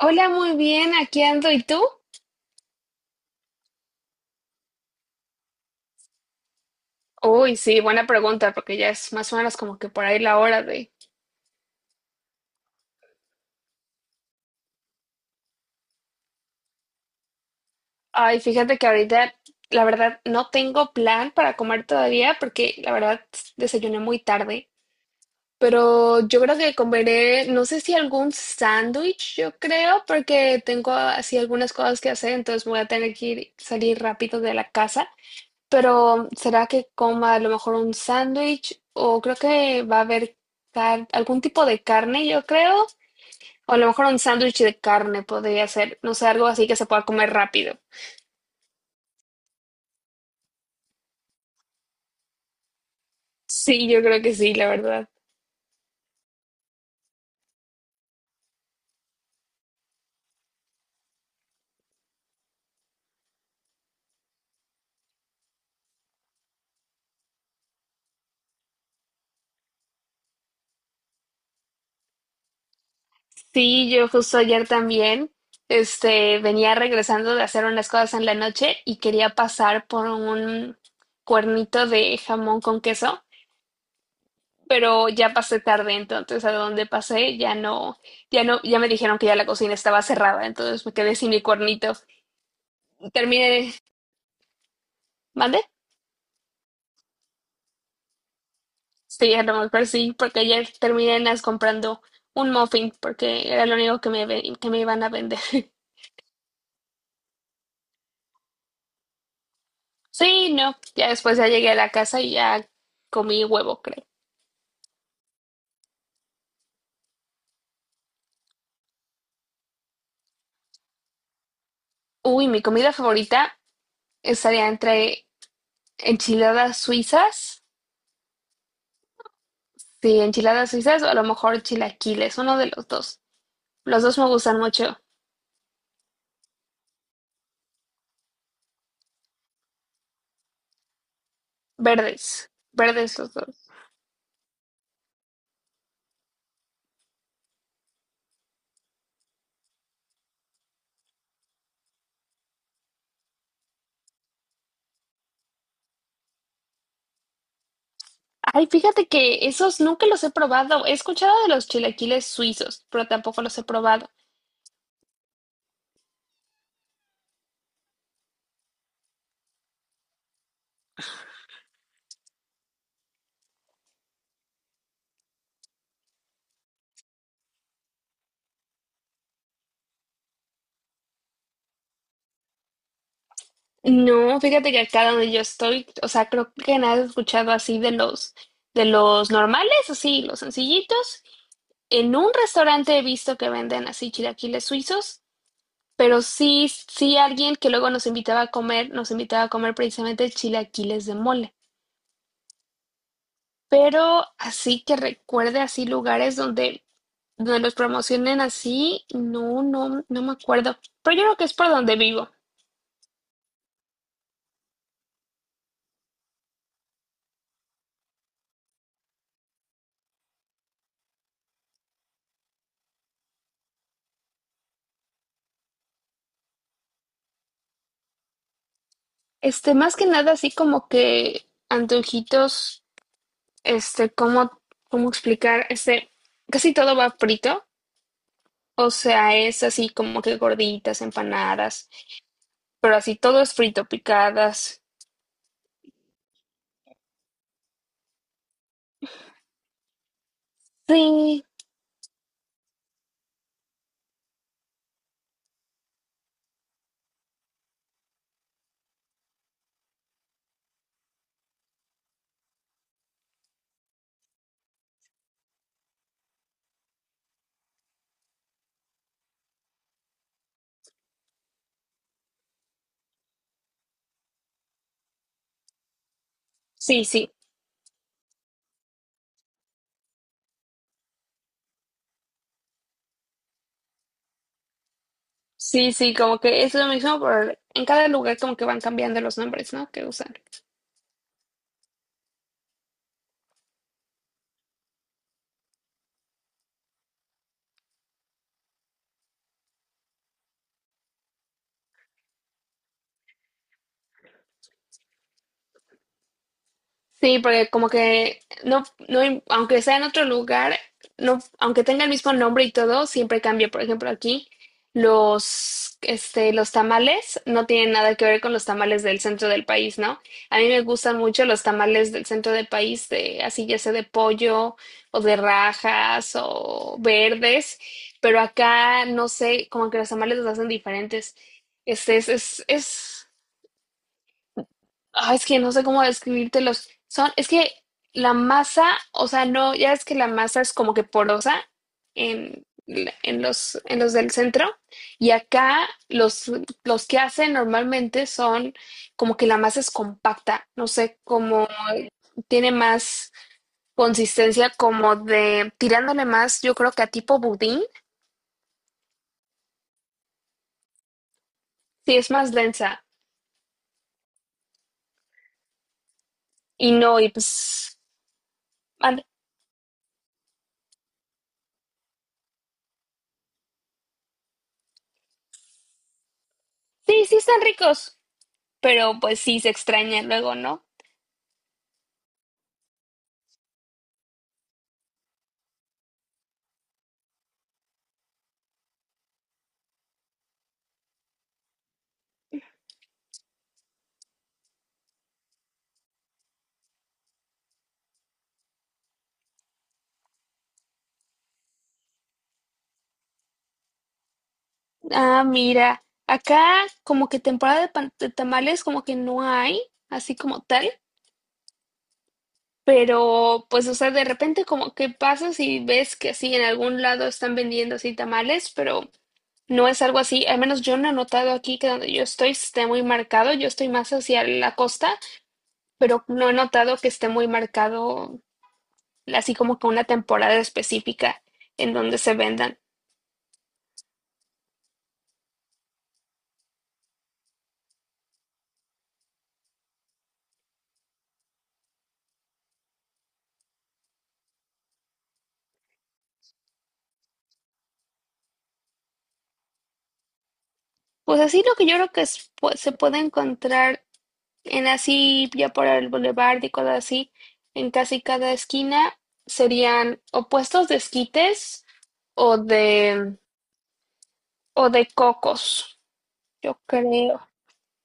Hola, muy bien, aquí ando. ¿Y tú? Uy, sí, buena pregunta, porque ya es más o menos como que por ahí la hora de. Ay, fíjate que ahorita, la verdad, no tengo plan para comer todavía, porque la verdad desayuné muy tarde. Pero yo creo que comeré, no sé si algún sándwich, yo creo, porque tengo así algunas cosas que hacer, entonces voy a tener que salir rápido de la casa. Pero ¿será que coma a lo mejor un sándwich? O creo que va a haber algún tipo de carne, yo creo. O a lo mejor un sándwich de carne podría ser. No sé, algo así que se pueda comer rápido. Sí, yo creo que sí, la verdad. Sí, yo justo ayer también, este, venía regresando de hacer unas cosas en la noche y quería pasar por un cuernito de jamón con queso. Pero ya pasé tarde, entonces a donde pasé ya no, ya no, ya me dijeron que ya la cocina estaba cerrada, entonces me quedé sin mi cuernito. Terminé, ¿mande? Sí, a lo mejor sí, porque ayer terminé en las comprando un muffin, porque era lo único que me, que me iban a vender. Sí, no, ya después ya llegué a la casa y ya comí huevo, creo. Uy, mi comida favorita estaría entre enchiladas suizas, sí, enchiladas suizas o a lo mejor chilaquiles, uno de los dos. Los dos me gustan mucho. Verdes, verdes los dos. Ay, fíjate que esos nunca los he probado. He escuchado de los chilaquiles suizos, pero tampoco los he probado. No, fíjate que acá donde yo estoy, o sea, creo que nada he escuchado así de los normales, así, los sencillitos. En un restaurante he visto que venden así chilaquiles suizos, pero sí, sí alguien que luego nos invitaba a comer precisamente chilaquiles de mole. Pero así que recuerde así lugares donde los promocionen así, no, no, no me acuerdo. Pero yo creo que es por donde vivo. Más que nada, así como que antojitos, este, cómo, cómo explicar, casi todo va frito. O sea, es así como que gorditas, empanadas, pero así todo es frito, picadas. Sí, sí, sí, sí, sí, como que es lo mismo, pero en cada lugar como que van cambiando los nombres, ¿no? Que usan. Sí, porque como que no, no, aunque sea en otro lugar, no, aunque tenga el mismo nombre y todo, siempre cambia. Por ejemplo, aquí los tamales no tienen nada que ver con los tamales del centro del país, ¿no? A mí me gustan mucho los tamales del centro del país, así ya sea de pollo o de rajas o verdes, pero acá no sé, como que los tamales los hacen diferentes. Este es Ah, es que no sé cómo describírtelos. Es que la masa, o sea, no, ya es que la masa es como que porosa en los del centro. Y acá los que hacen normalmente son como que la masa es compacta. No sé cómo tiene más consistencia, como de tirándole más, yo creo que a tipo budín, sí es más densa. Y no, y pues, and- sí, sí están ricos, pero pues sí se extraña luego, ¿no? Ah, mira, acá como que temporada de tamales como que no hay, así como tal, pero pues o sea, de repente como que pasas y ves que así en algún lado están vendiendo así tamales, pero no es algo así, al menos yo no he notado aquí que donde yo estoy esté muy marcado, yo estoy más hacia la costa, pero no he notado que esté muy marcado así como que una temporada específica en donde se vendan. Pues así lo que yo creo que pues, se puede encontrar en así, ya por el boulevard y cosas así, en casi cada esquina serían o puestos de esquites o de, o de cocos, yo creo.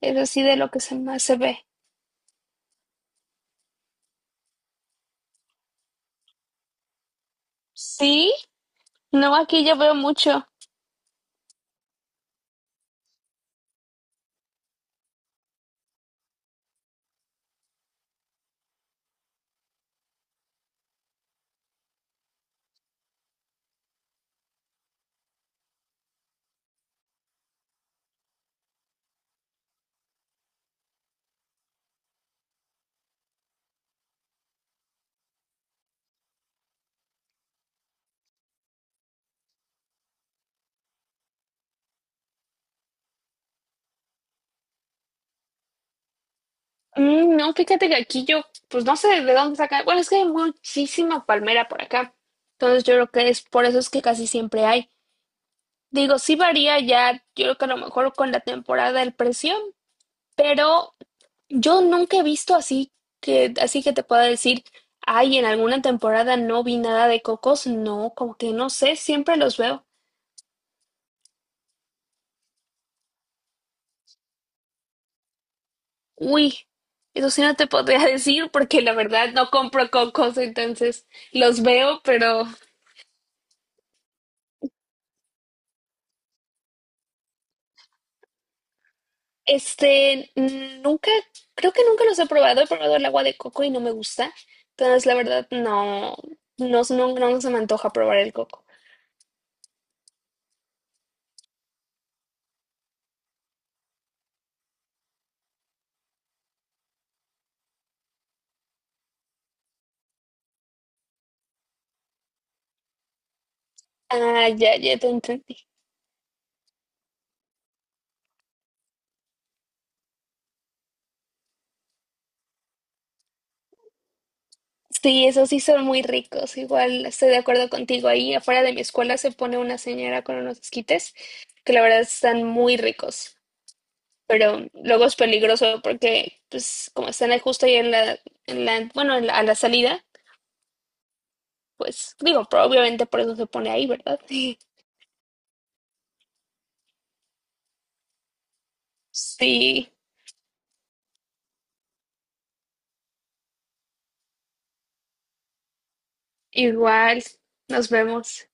Es así de lo que se más se ve. Sí, no, aquí yo veo mucho. Mm, no, fíjate que aquí yo, pues no sé de dónde sacan. Bueno, es que hay muchísima palmera por acá. Entonces yo creo que es por eso es que casi siempre hay. Digo, sí varía ya, yo creo que a lo mejor con la temporada el precio, pero yo nunca he visto así que te pueda decir, ay, en alguna temporada no vi nada de cocos. No, como que no sé, siempre los veo. Uy, eso sí no te podría decir porque la verdad no compro cocos, entonces los veo, pero este, mm, nunca, creo que nunca los he probado. He probado el agua de coco y no me gusta. Entonces, la verdad, no, no, no, no se me antoja probar el coco. Ah, ya, ya te entendí. Sí, esos sí son muy ricos. Igual estoy de acuerdo contigo. Ahí afuera de mi escuela se pone una señora con unos esquites que la verdad están muy ricos. Pero luego es peligroso porque, pues, como están ahí justo ahí bueno, a la salida, pues, digo, pero obviamente por eso se pone ahí, ¿verdad? Sí, igual. Nos vemos.